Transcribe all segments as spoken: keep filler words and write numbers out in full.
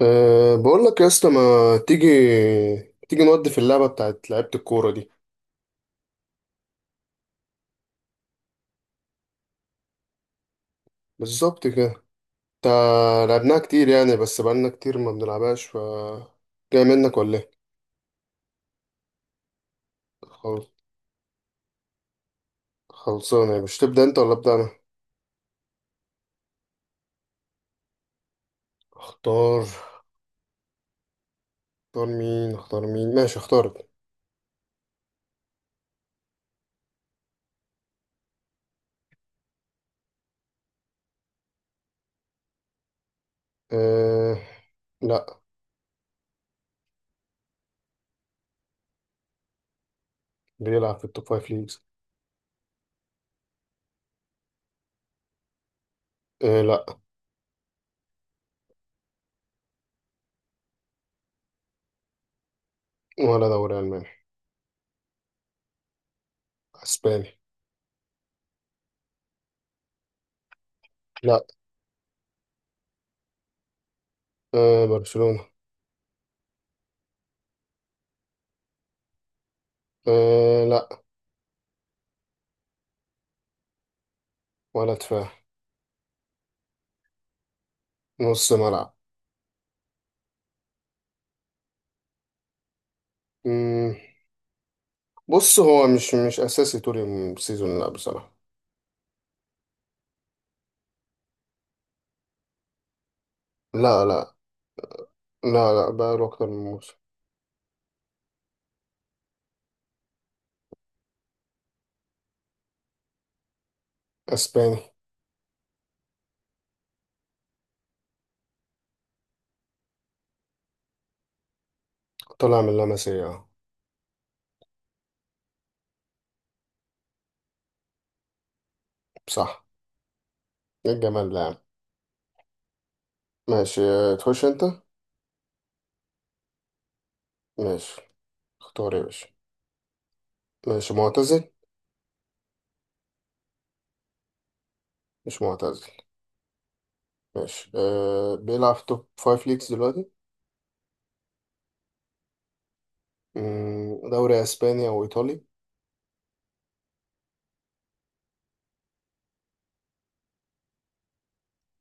أه بقول لك يا اسطى ما تيجي تيجي نودي في اللعبة بتاعت لعيبة الكورة دي. بالظبط كده. تا لعبناها كتير يعني، بس بقالنا كتير ما بنلعبهاش. ف جاي منك ولا ايه؟ خل... خلصانة، مش تبدأ انت ولا أبدأ انا؟ اختار. اختار مين اختار مين؟ ماشي اختارت. أه لا. بيلعب في التوب فايف ليجز. أه لا. ولا دوري ألماني. اسباني. لا. أه برشلونة. أه لا. ولا دفاع. نص ملعب. بص، هو مش مش اساسي طول السيزون، لا بصراحه. لا لا. لا لا، بقى له اكتر من موسم. اسباني. طلع من لاماسيا أهو. صح. إيه الجمال ده يا عم. ماشي آه، تخش انت. ماشي اختار يا باشا. ماشي معتزل. مش معتزل. ماشي أه، بيلعب في توب فايف ليجز دلوقتي. مم، دوري اسباني او ايطالي؟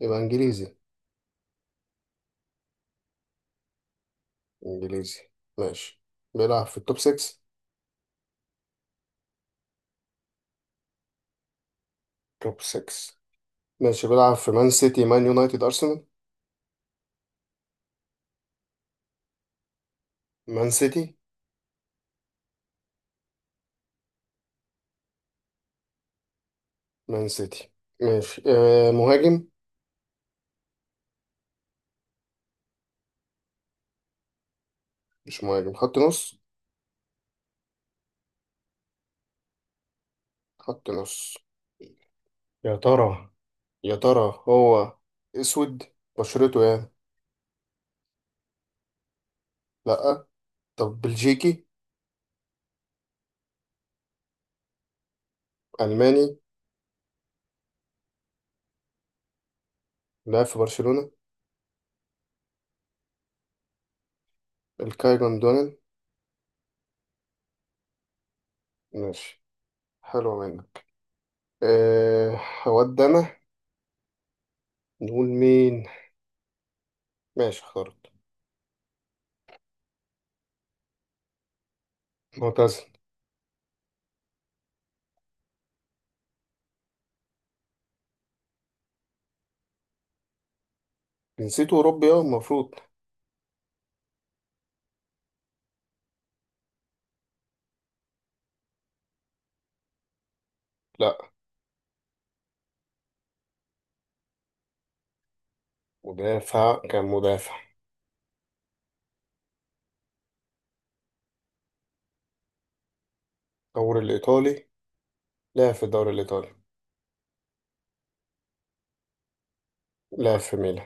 يبقى انجليزي. انجليزي. ماشي، بيلعب في التوب ستة. توب ستة. ماشي بيلعب في مان سيتي مان يونايتد ارسنال. مان سيتي. مان سيتي. ماشي آه مهاجم. مش مهاجم، خط نص. خط نص. يا ترى، يا ترى هو اسود بشرته يعني؟ لا. طب بلجيكي؟ الماني. لعب في برشلونة. الكاي جوندوجان. ماشي، حلو منك. أه، هود انا نقول مين. ماشي اخترت. معتزل. جنسيته اوروبي اه المفروض. لا. مدافع، كان مدافع. الدوري الايطالي. لعب في الدوري الايطالي. لعب في ميلان.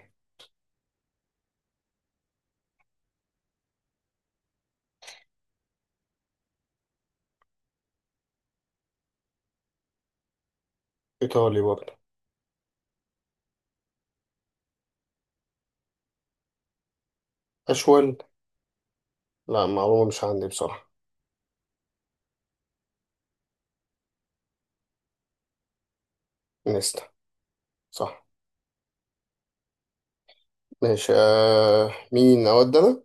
ايطالي برضه. أشول. لا معلومة مش عندي بصراحة. نيستا. صح. ماشي آه، مين أود أنا؟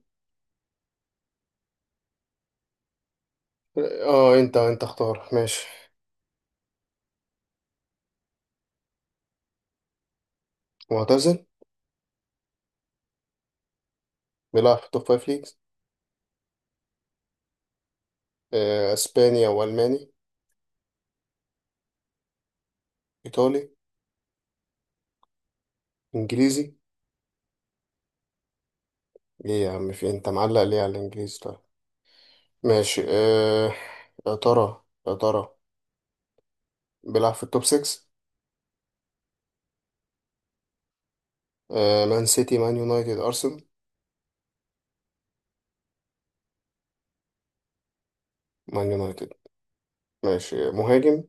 اه انت انت اختار ماشي. معتزل. بيلعب في توب فايف ليجز. آه، اسبانيا والماني. ايطالي. انجليزي. ايه يا عم في إيه؟ انت معلق ليه على الانجليزي طيب؟ ماشي آه، يا ترى يا ترى بيلعب في التوب ستة. مان سيتي مان يونايتد ارسنال. مان يونايتد. ماشي مهاجم.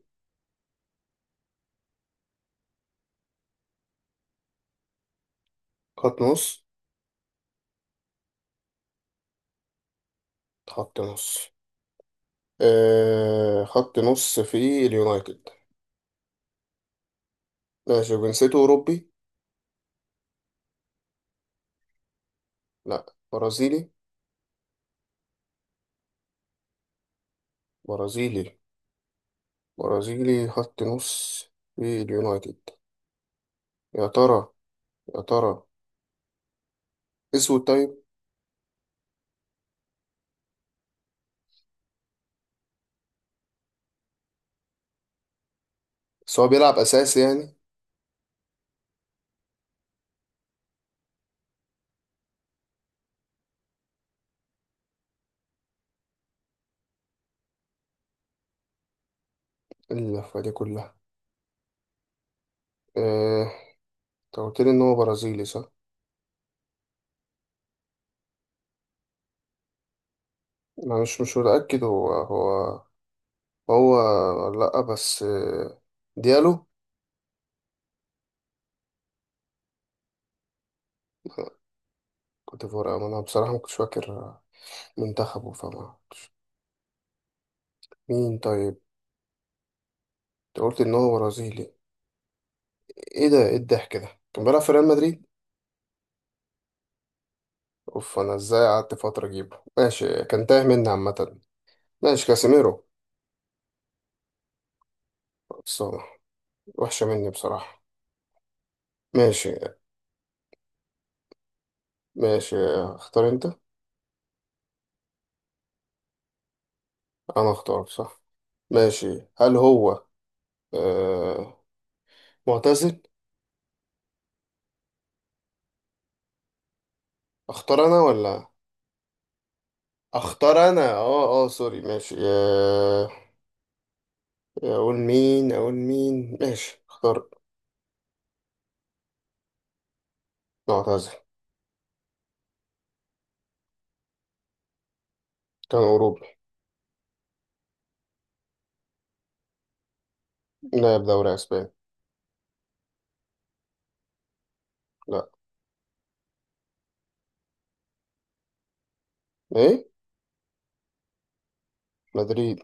خط نص. خط نص. آه، خط نص في اليونايتد. ماشي جنسيته أوروبي؟ لأ. برازيلي؟ برازيلي. برازيلي خط نص في اليونايتد. يا ترى، يا ترى أسود طيب؟ بس هو بيلعب أساسي يعني؟ اللفة دي كلها؟ آه، أنت قلت لي إن هو برازيلي صح؟ أنا مش مش متأكد هو هو هو ولا لأ، بس آه، ديالو. كوتيفوار، أنا بصراحة ما كنتش فاكر منتخبه فما. مين طيب؟ أنت قلت إن هو برازيلي. إيه ده إيه الضحك ده؟ كان بيلعب في ريال مدريد؟ اوف، انا ازاي قعدت فترة اجيبه؟ ماشي، كان تايه مني عامة. ماشي كاسيميرو. بس هو وحشة مني بصراحة. ماشي. ماشي اختار انت. انا اختار صح؟ ماشي، هل هو آه معتزل؟ اختار انا ولا؟ اختار انا اه اه سوري، ماشي آه. اقول مين اقول مين ماشي اختار. معتزل. كان اوروبي. لاعب دوري اسباني. لا. ايه. مدريد.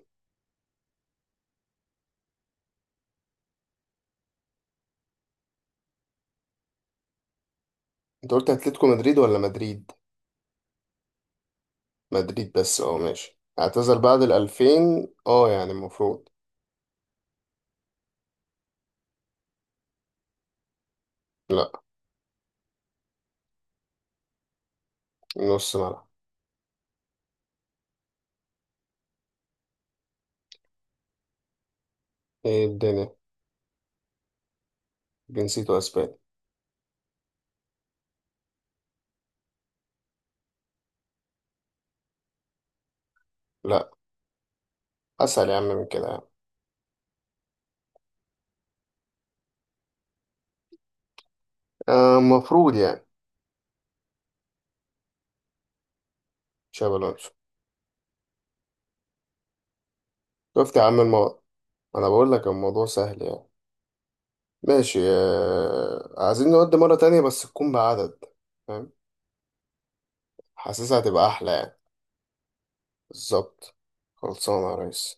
انت قلت اتلتيكو مدريد ولا مدريد؟ مدريد بس اه ماشي، اعتزل بعد الألفين اه يعني المفروض. لا. نص ملعب. ايه الدنيا. جنسيته اسباني. لا. اسهل يا عم من كده يعني. آه، المفروض يعني. تشابي الونسو. شفت يا عم الموضوع؟ انا بقول لك الموضوع سهل يعني. ماشي آه، عايزين نودي مرة تانية بس تكون بعدد، فاهم؟ حاسسها هتبقى احلى يعني. بالظبط. خلصانة يا ريس.